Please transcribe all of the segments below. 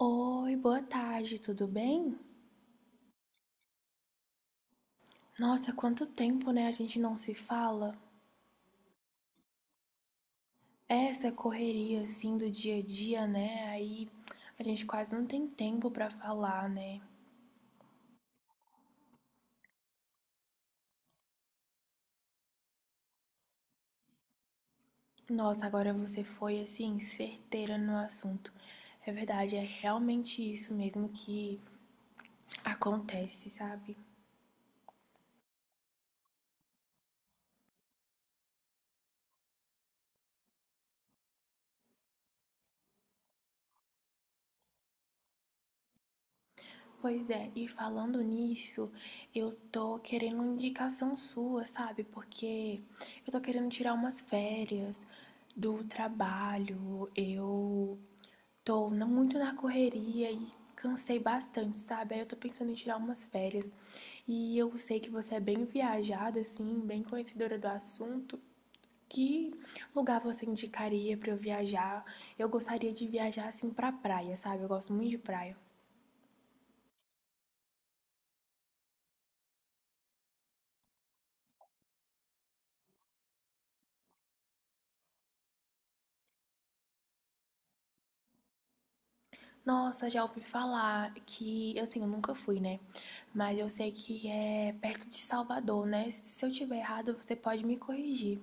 Oi, boa tarde, tudo bem? Nossa, quanto tempo, né? A gente não se fala. Essa correria assim do dia a dia, né? Aí a gente quase não tem tempo pra falar, né? Nossa, agora você foi assim certeira no assunto. É verdade, é realmente isso mesmo que acontece, sabe? Pois é, e falando nisso, eu tô querendo uma indicação sua, sabe? Porque eu tô querendo tirar umas férias do trabalho, eu muito na correria e cansei bastante, sabe? Aí eu tô pensando em tirar umas férias. E eu sei que você é bem viajada, assim, bem conhecedora do assunto. Que lugar você indicaria pra eu viajar? Eu gostaria de viajar assim pra praia, sabe? Eu gosto muito de praia. Nossa, já ouvi falar que, assim, eu nunca fui, né? Mas eu sei que é perto de Salvador, né? Se eu tiver errado, você pode me corrigir.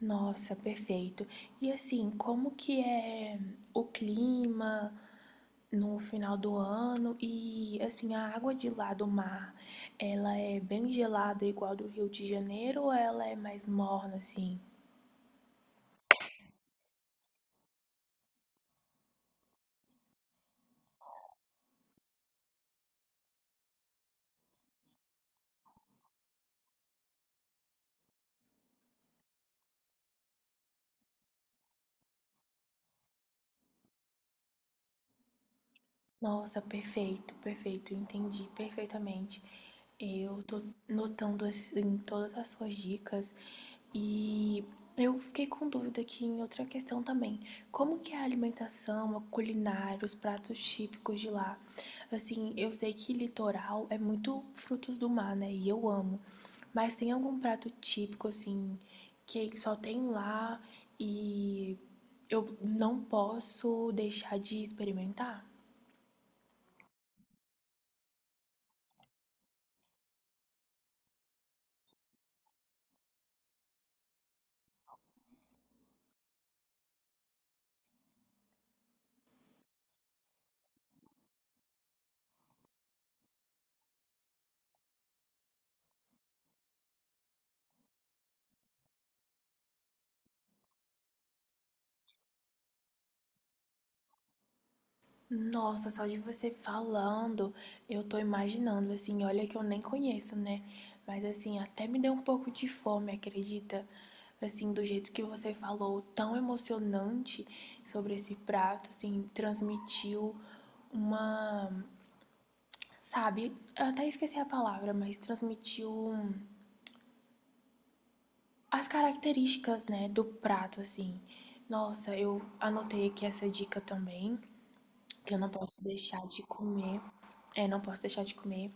Nossa, perfeito. E assim, como que é o clima no final do ano? E assim, a água de lá do mar, ela é bem gelada igual do Rio de Janeiro ou ela é mais morna assim? Nossa, perfeito, perfeito, entendi perfeitamente. Eu tô notando assim todas as suas dicas e eu fiquei com dúvida aqui em outra questão também. Como que é a alimentação, a culinária, os pratos típicos de lá? Assim, eu sei que litoral é muito frutos do mar, né? E eu amo. Mas tem algum prato típico assim que só tem lá e eu não posso deixar de experimentar? Nossa, só de você falando, eu tô imaginando, assim, olha que eu nem conheço, né? Mas assim, até me deu um pouco de fome, acredita? Assim, do jeito que você falou, tão emocionante sobre esse prato, assim, transmitiu uma, sabe, eu até esqueci a palavra, mas as características, né, do prato, assim. Nossa, eu anotei aqui essa dica também, que eu não posso deixar de comer. É, não posso deixar de comer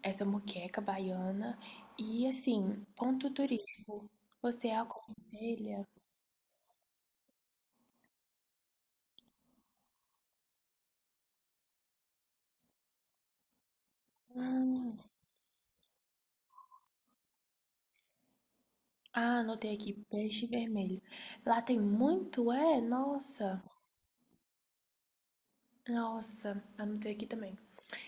essa moqueca baiana. E assim, ponto turístico. Você aconselha? Hum, ah, anotei aqui, peixe vermelho. Lá tem muito, é? Nossa, nossa, anotei aqui também.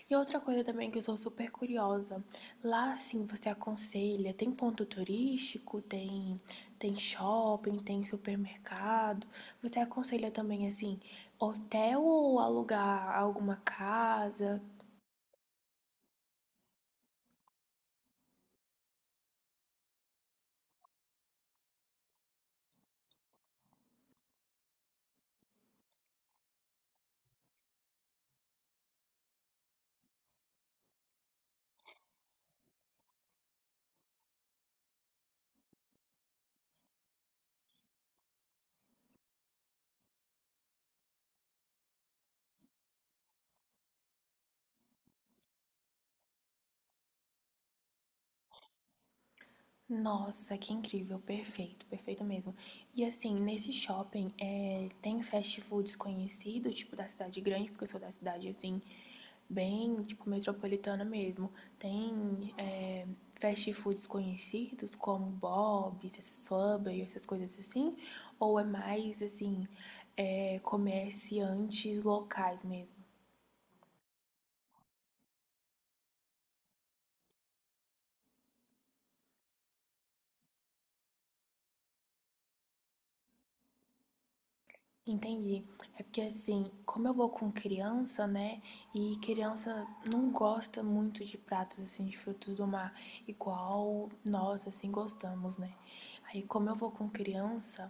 E outra coisa também que eu sou super curiosa. Lá sim, você aconselha? Tem ponto turístico? Tem, tem shopping? Tem supermercado? Você aconselha também assim, hotel ou alugar alguma casa? Nossa, que incrível, perfeito, perfeito mesmo. E assim, nesse shopping, tem fast foods conhecidos, tipo da cidade grande, porque eu sou da cidade assim, bem, tipo, metropolitana mesmo. Tem fast foods conhecidos como Bob's, Subway, essas coisas assim? Ou é mais assim, comerciantes locais mesmo? Entendi. É porque assim, como eu vou com criança, né? E criança não gosta muito de pratos assim de frutos do mar, igual nós assim gostamos, né? Aí como eu vou com criança,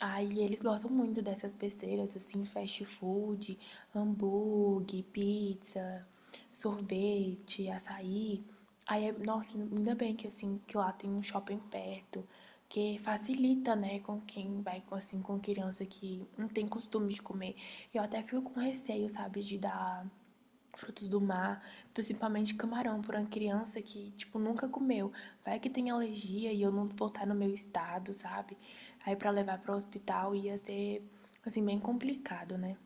aí eles gostam muito dessas besteiras assim, fast food, hambúrguer, pizza, sorvete, açaí. Aí, nossa, ainda bem que assim, que lá tem um shopping perto. Que facilita, né, com quem vai, com, assim, com criança que não tem costume de comer. Eu até fico com receio, sabe, de dar frutos do mar, principalmente camarão, para uma criança que, tipo, nunca comeu. Vai que tem alergia e eu não voltar no meu estado, sabe? Aí para levar para o hospital ia ser, assim, bem complicado, né?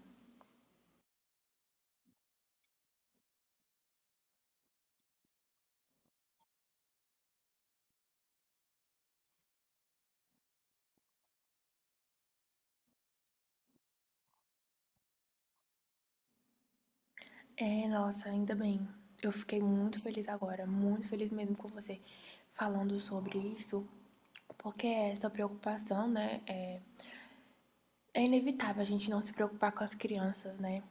É, nossa, ainda bem. Eu fiquei muito feliz agora, muito feliz mesmo com você falando sobre isso, porque essa preocupação, né, é, é inevitável a gente não se preocupar com as crianças, né?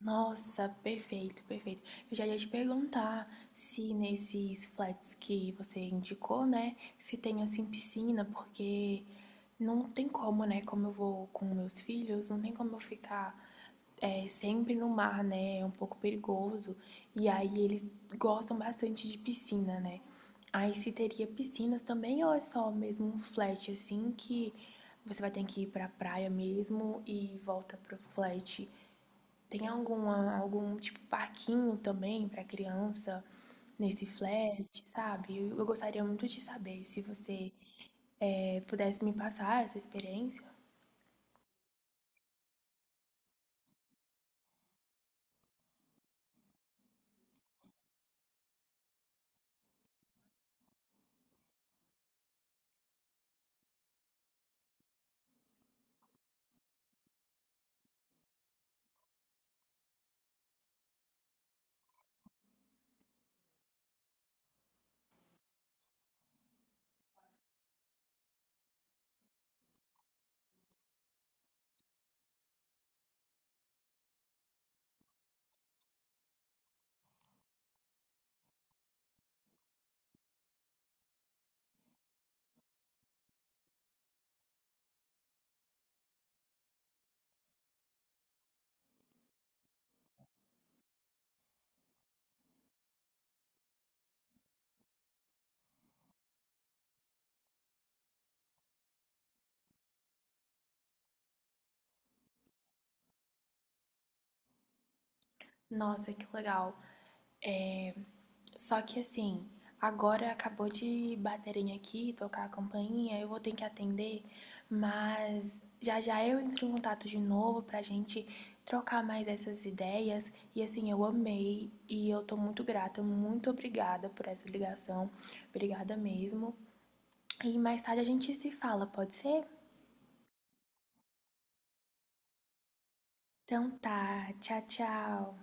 Nossa, perfeito, perfeito. Eu já ia te perguntar se nesses flats que você indicou, né, se tem assim piscina, porque não tem como, né? Como eu vou com meus filhos, não tem como eu ficar é sempre no mar, né? É um pouco perigoso. E aí eles gostam bastante de piscina, né? Aí se teria piscinas também ou é só mesmo um flat assim que você vai ter que ir pra praia mesmo e volta pro flat? Tem alguma, algum tipo parquinho também pra criança nesse flat, sabe? Eu gostaria muito de saber se você pudesse me passar essa experiência. Nossa, que legal. É, só que assim, agora acabou de baterem aqui, tocar a campainha, eu vou ter que atender, mas já já eu entro em contato de novo pra gente trocar mais essas ideias. E assim, eu amei e eu tô muito grata, muito obrigada por essa ligação. Obrigada mesmo. E mais tarde a gente se fala, pode ser? Então tá, tchau, tchau.